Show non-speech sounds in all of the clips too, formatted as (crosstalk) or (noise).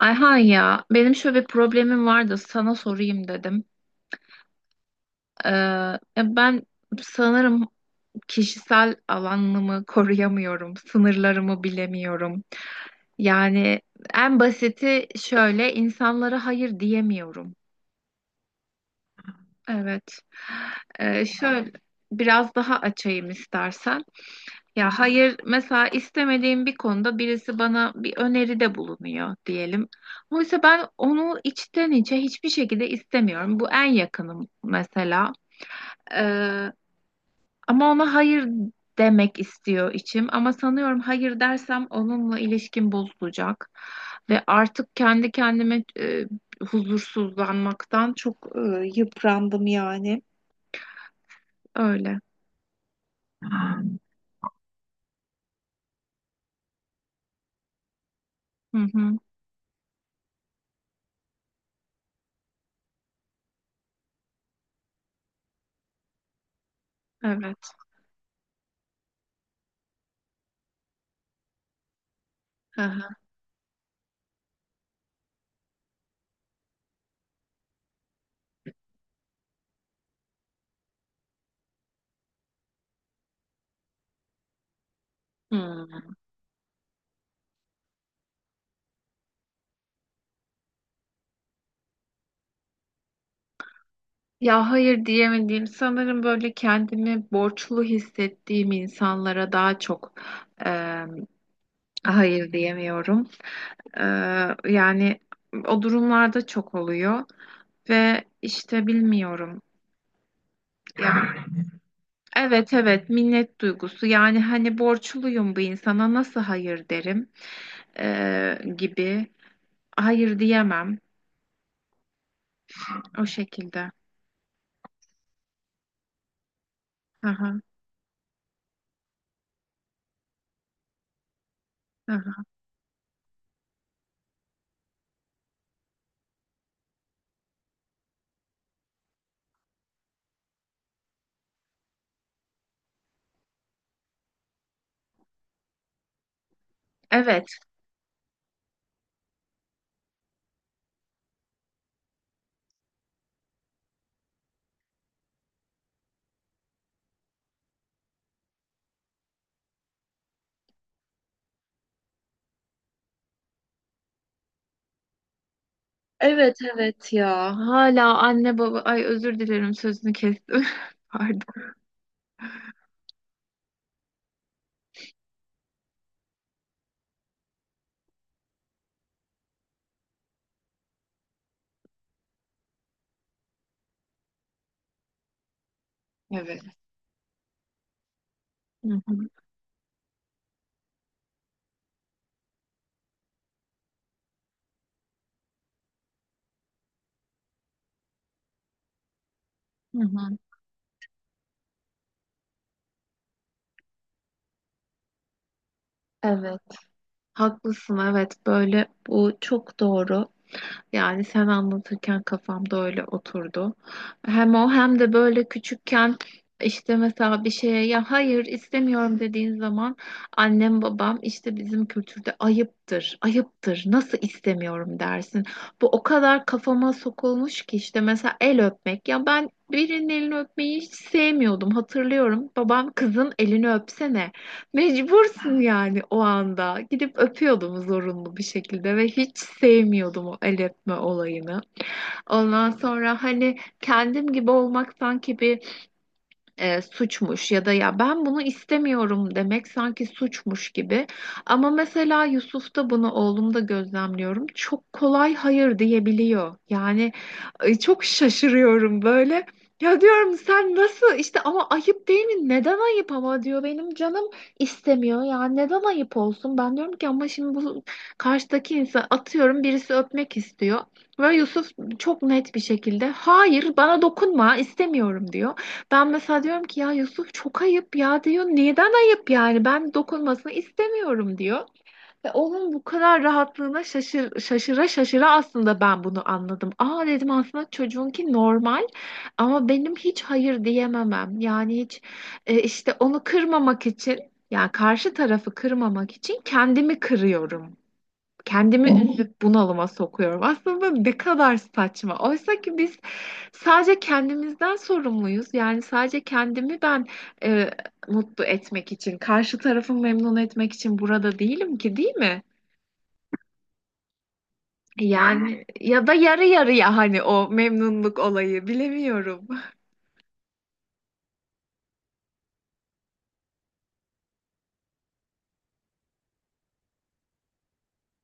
Ayhan ya benim şöyle bir problemim vardı sana sorayım dedim. Ya ben sanırım kişisel alanımı koruyamıyorum, sınırlarımı bilemiyorum. Yani en basiti şöyle insanlara hayır diyemiyorum. Evet. Şöyle biraz daha açayım istersen. Ya hayır, mesela istemediğim bir konuda birisi bana bir öneride bulunuyor diyelim. Oysa ben onu içten içe hiçbir şekilde istemiyorum. Bu en yakınım mesela. Ee, Ama ona hayır demek istiyor içim. Ama sanıyorum hayır dersem onunla ilişkim bozulacak. Ve artık kendi kendime huzursuzlanmaktan çok yıprandım yani. Öyle. Hı hı, evet. Hı hı. Hı. Ya hayır diyemediğim sanırım böyle kendimi borçlu hissettiğim insanlara daha çok eee, hayır diyemiyorum. Eee, Yani o durumlarda çok oluyor ve işte bilmiyorum. Yani evet evet minnet duygusu yani hani borçluyum bu insana nasıl hayır derim gibi hayır diyemem o şekilde. Aha, aha. Evet. Evet evet ya. Hala anne baba ay özür dilerim sözünü kestim. (laughs) Pardon. Evet. Hı hı, hı hı. Evet. Haklısın evet böyle bu çok doğru. Yani sen anlatırken kafamda öyle oturdu. Hem o hem de böyle küçükken işte mesela bir şeye ya hayır istemiyorum dediğin zaman annem babam işte bizim kültürde ayıptır, ayıptır nasıl istemiyorum dersin. Bu o kadar kafama sokulmuş ki işte mesela el öpmek ya ben birinin elini öpmeyi hiç sevmiyordum hatırlıyorum. Babam kızın elini öpsene. Mecbursun yani o anda. Gidip öpüyordum zorunlu bir şekilde ve hiç sevmiyordum o el öpme olayını. Ondan sonra hani kendim gibi olmak sanki bir suçmuş ya da ya ben bunu istemiyorum demek sanki suçmuş gibi. Ama mesela Yusuf'ta bunu oğlumda gözlemliyorum. Çok kolay hayır diyebiliyor. Yani ay, çok şaşırıyorum böyle. Ya diyorum sen nasıl işte ama ayıp değil mi? Neden ayıp ama diyor benim canım istemiyor. Ya neden ayıp olsun? Ben diyorum ki ama şimdi bu karşıdaki insan atıyorum birisi öpmek istiyor. Ve Yusuf çok net bir şekilde hayır bana dokunma istemiyorum diyor. Ben mesela diyorum ki ya Yusuf çok ayıp ya diyor. Neden ayıp yani? Ben dokunmasını istemiyorum diyor. Ve onun bu kadar rahatlığına şaşıra şaşıra aslında ben bunu anladım. Aa dedim aslında çocuğunki normal ama benim hiç hayır diyememem. Yani hiç işte onu kırmamak için yani karşı tarafı kırmamak için kendimi kırıyorum. Kendimi üzüp bunalıma sokuyorum. Aslında ne kadar saçma. Oysa ki biz sadece kendimizden sorumluyuz. Yani sadece kendimi ben e, mutlu etmek için, karşı tarafı memnun etmek için burada değilim ki, değil mi? Yani ya da yarı yarıya hani o memnunluk olayı bilemiyorum.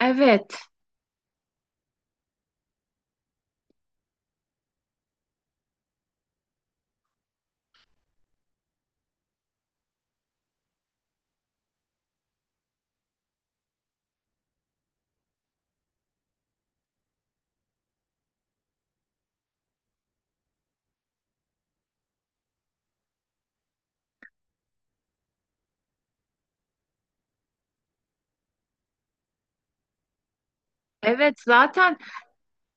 Evet, evet zaten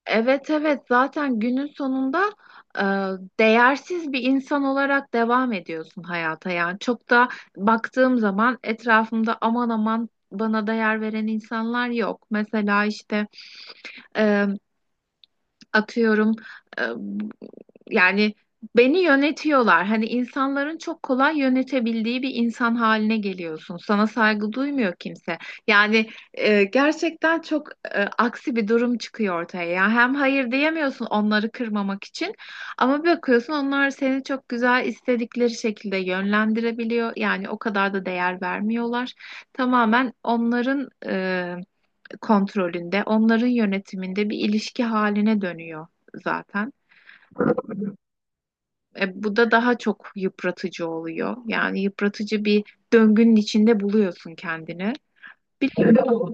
evet evet zaten günün sonunda e, değersiz bir insan olarak devam ediyorsun hayata. Yani çok da baktığım zaman etrafımda aman aman bana değer veren insanlar yok. Mesela işte. e, Atıyorum e, yani beni yönetiyorlar. Hani insanların çok kolay yönetebildiği bir insan haline geliyorsun. Sana saygı duymuyor kimse. Yani gerçekten çok aksi bir durum çıkıyor ortaya. Ya hem hayır diyemiyorsun onları kırmamak için ama bir bakıyorsun onlar seni çok güzel istedikleri şekilde yönlendirebiliyor. Yani o kadar da değer vermiyorlar. Tamamen onların kontrolünde, onların yönetiminde bir ilişki haline dönüyor zaten. Bu da daha çok yıpratıcı oluyor. Yani yıpratıcı bir döngünün içinde buluyorsun kendini. Bilmiyorum.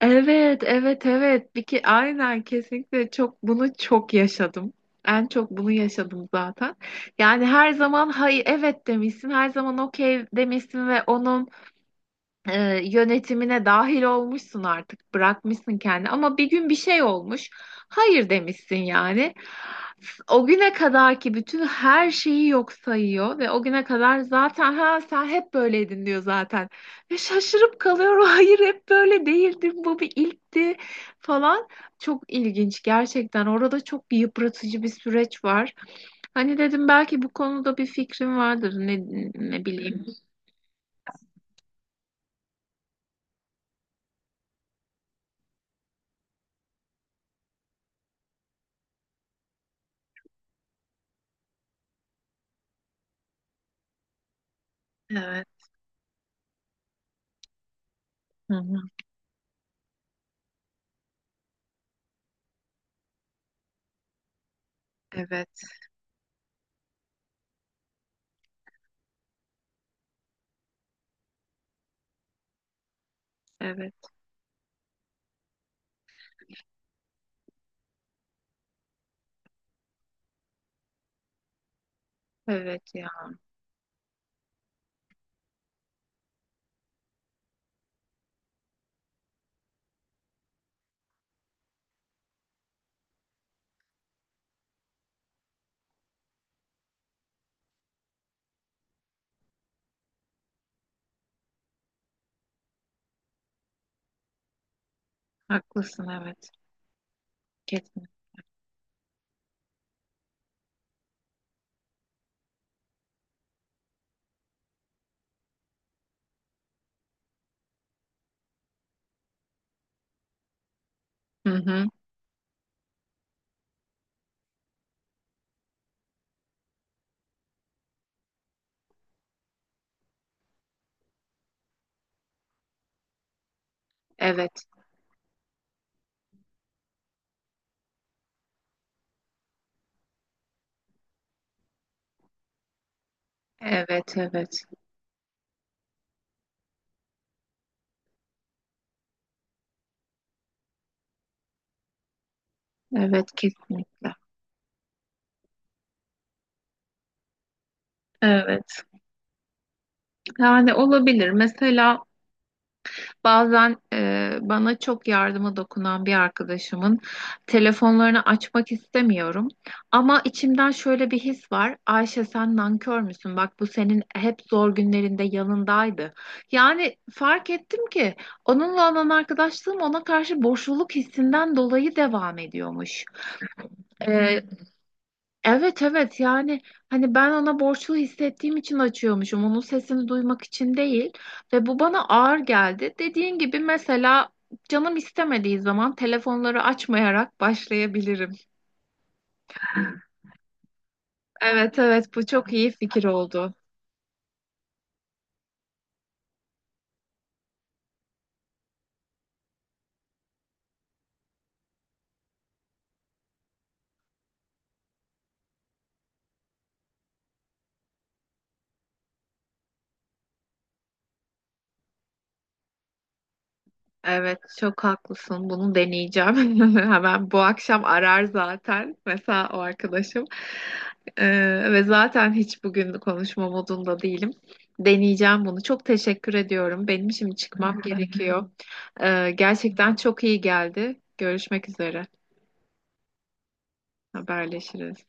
Evet, evet, evet. Bir ki aynen kesinlikle bunu çok yaşadım. En çok bunu yaşadım zaten. Yani her zaman hayır evet demişsin, her zaman okey demişsin ve onun yönetimine dahil olmuşsun artık bırakmışsın kendi ama bir gün bir şey olmuş hayır demişsin yani o güne kadar ki bütün her şeyi yok sayıyor ve o güne kadar zaten ha sen hep böyleydin diyor zaten ve şaşırıp kalıyorum (laughs) hayır hep böyle değildim bu bir ilkti falan çok ilginç gerçekten orada bir yıpratıcı bir süreç var hani dedim belki bu konuda bir fikrim vardır ne bileyim evet. Hı hı. Evet evet. Evet ya, haklısın, evet kesin. Hı hı. Evet evet evet evet kesinlikle. Evet yani olabilir mesela bazen bana çok yardıma dokunan bir arkadaşımın telefonlarını açmak istemiyorum ama içimden şöyle bir his var Ayşe sen nankör müsün bak bu senin hep zor günlerinde yanındaydı yani fark ettim ki onunla olan arkadaşlığım ona karşı boşluluk hissinden dolayı devam ediyormuş. Ee, evet evet yani hani ben ona borçlu hissettiğim için açıyormuşum onun sesini duymak için değil ve bu bana ağır geldi. Dediğin gibi mesela canım istemediği zaman telefonları açmayarak başlayabilirim. Evet evet bu çok iyi fikir oldu. Evet, çok haklısın. Bunu deneyeceğim. (laughs) Hemen bu akşam arar zaten. Mesela o arkadaşım. Ve zaten hiç bugün konuşma modunda değilim. Deneyeceğim bunu. Çok teşekkür ediyorum. Benim şimdi çıkmam (laughs) gerekiyor. Gerçekten çok iyi geldi. Görüşmek üzere. Haberleşiriz.